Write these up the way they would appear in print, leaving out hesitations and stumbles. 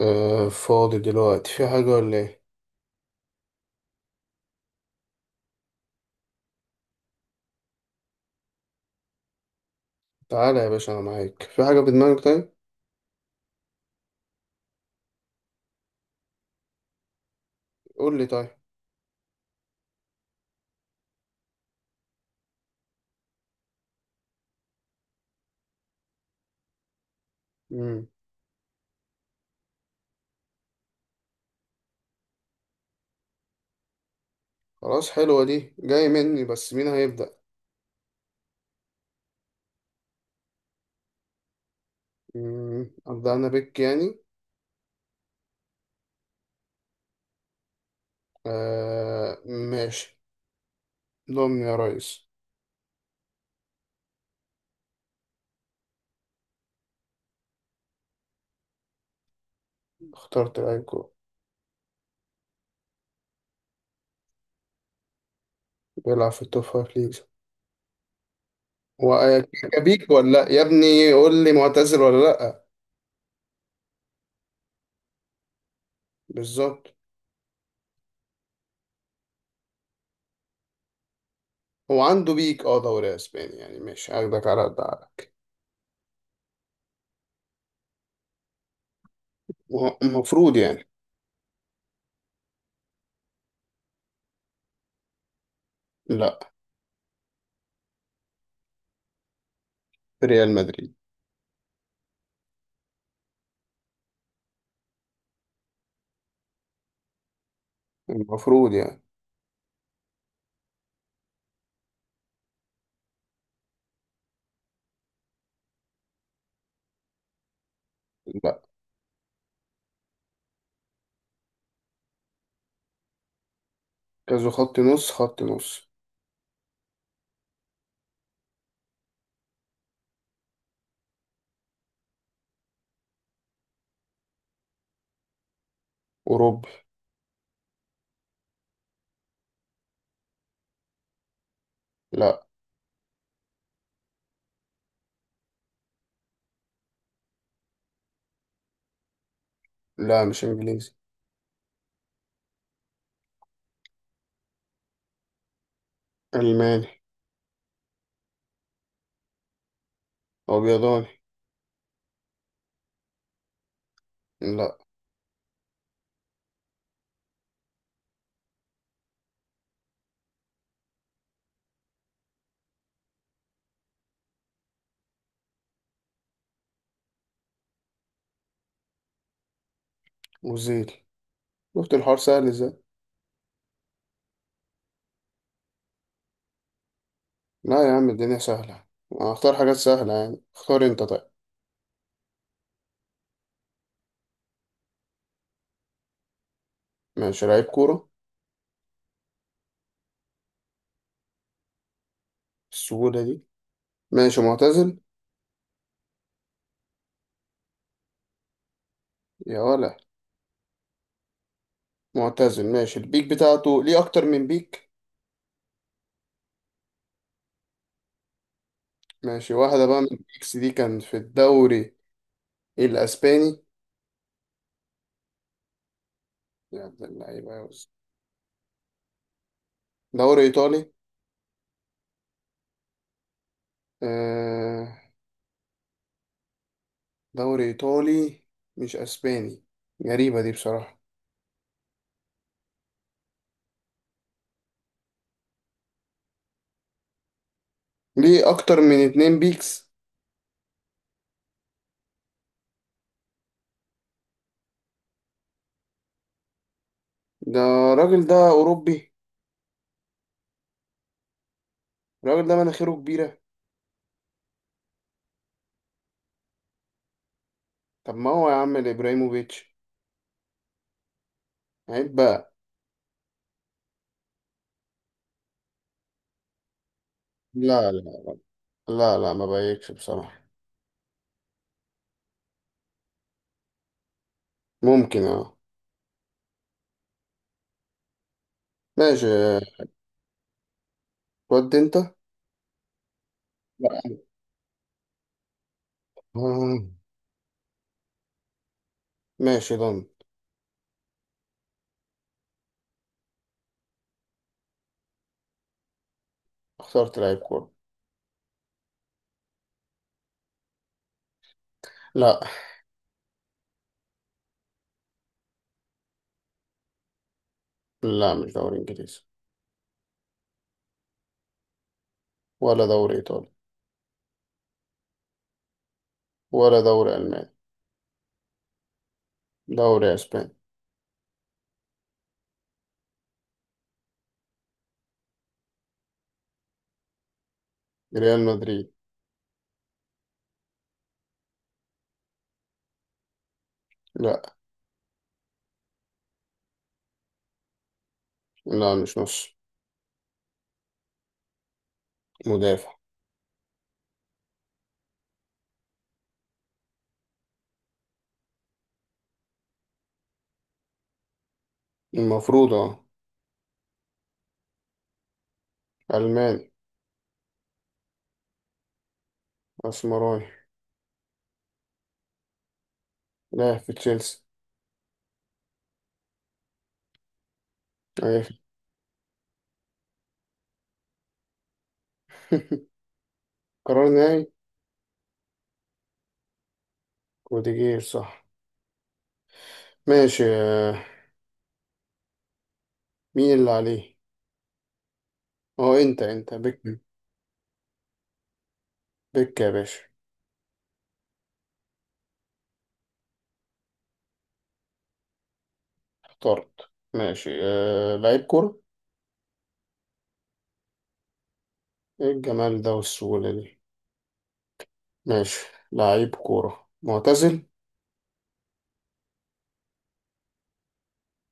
آه، فاضي دلوقتي، في حاجة ولا ايه؟ تعالى يا باشا، أنا معاك. في حاجة في دماغك طيب؟ قول لي، طيب. مم. خلاص، حلوة دي. جاي مني، بس مين هيبدأ؟ مم. أبدأ أنا بك يعني. آه، ماشي. ضمن يا ريس. اخترت الأيكو. بيلعب في التوب فايف ليجز. هو أكيكا بيك ولا لأ؟ يا ابني قول لي معتزل ولا لأ؟ بالظبط. هو عنده بيك دوري أسباني يعني. ماشي، هاخدك على قد عقلك. هو المفروض يعني. لأ. في ريال مدريد. المفروض يعني. لا. كازو، خط نص خط نص. أوروبي. لا. لا، مش إنجليزي. ألماني. أبيضاني. لا. وزيري. شفت الحوار سهل إزاي؟ لا يا عم، الدنيا سهلة. هختار حاجات سهلة يعني. اختار أنت طيب. ماشي، لعيب كورة. السهولة دي. ماشي، معتزل. يا ولا. معتزل، ماشي. البيك بتاعته ليه أكتر من بيك. ماشي، واحدة بقى من البيكس دي كان في الدوري الأسباني. يا عبد اللعيبة يا وز. دوري إيطالي. آه. دوري إيطالي. مش أسباني. غريبة دي بصراحة. ليه أكتر من اتنين بيكس. ده الراجل ده أوروبي. الراجل ده مناخيره كبيرة. طب ما هو يا عم إبراهيموفيتش. عيب بقى. لا لا. لا لا، ما بايكش بصراحة. ممكن، اه. ماشي. ودي انت. لا. آه، ماشي، ضن. اخترت لعيب كورة. لا. لا، مش دوري انجليزي. ولا دوري ايطالي. ولا دوري الماني. دوري اسباني. ريال مدريد. لا. لا، مش نص. مدافع. المفروض، اه. ألماني. أسمراني. لاعب في تشيلسي. أيوة. قرار نهائي. روديجير، صح. ماشي. مين اللي عليه؟ اه انت بك. بك يا باشا. اخترت، ماشي. لعيب كورة. ايه الجمال ده والسهولة دي. ماشي. لعيب كورة، معتزل.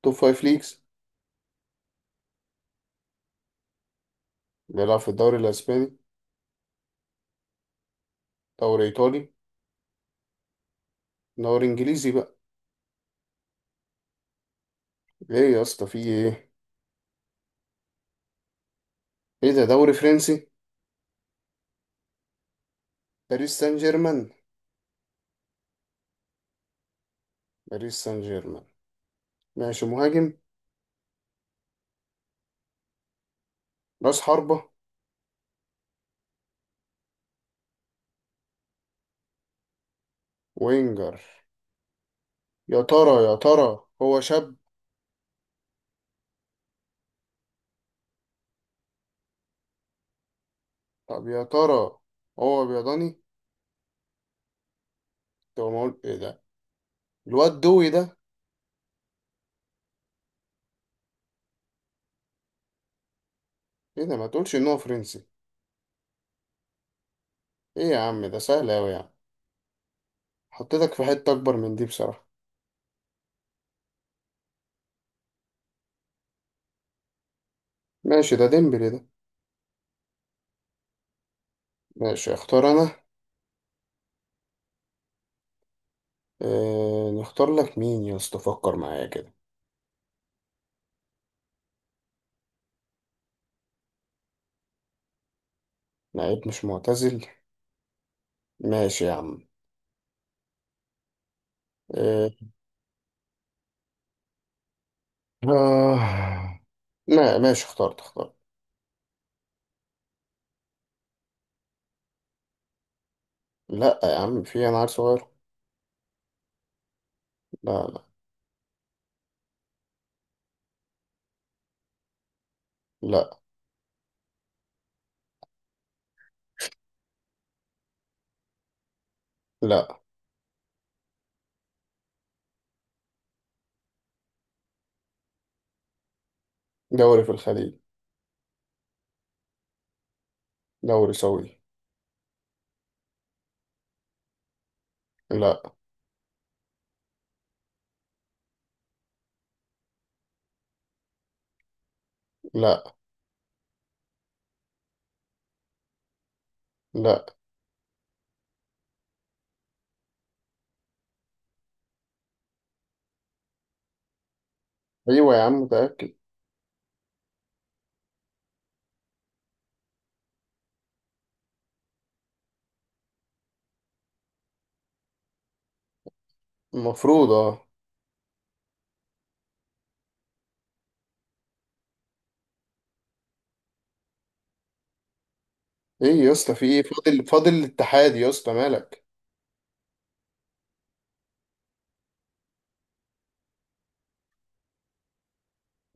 توب فايف ليجز. بيلعب في الدوري الأسباني. دوري إيطالي. دوري إنجليزي بقى. ايه يا اسطى، في ايه؟ ايه ده، دوري فرنسي؟ باريس سان جيرمان. باريس سان جيرمان. ماشي، مهاجم. راس حربة. وينجر. يا ترى يا ترى هو شاب؟ طب يا ترى، هو بيضاني؟ طب ما اقول ايه ده. الواد دوي ده. ايه ده، ما تقولش ان هو فرنسي؟ ايه يا عم، ده سهل اوي يعني. حطيتك في حتة اكبر من دي بصراحة. ماشي، ده ديمبلي ده. ماشي، اختار انا. اه نختار لك مين يا اسطى، فكر معايا كده. لعيب مش معتزل. ماشي يا عم. اه. آه. لا، ماشي، اخترت. لا يا عم، في انا عيل صغير. لا لا لا لا. دوري في الخليج. دوري سعودي. لا لا لا. ايوه يا عم، متأكد. المفروض، اه. ايه يا اسطى، في ايه؟ فاضل فاضل الاتحاد يا اسطى، مالك؟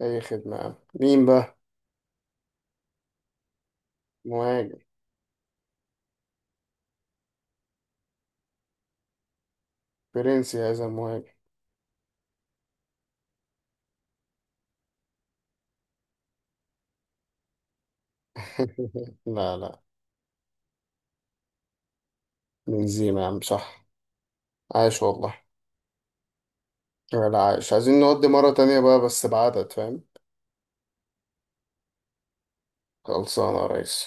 اي خدمة يا عم، مين بقى؟ مهاجم. فرنسي هذا المهاجم. لا لا. بنزيما يا عم، صح. عاش والله. ولا عايش، عايزين نودي مرة تانية بقى، بس بعدد، فاهم؟ خلصانة يا ريس.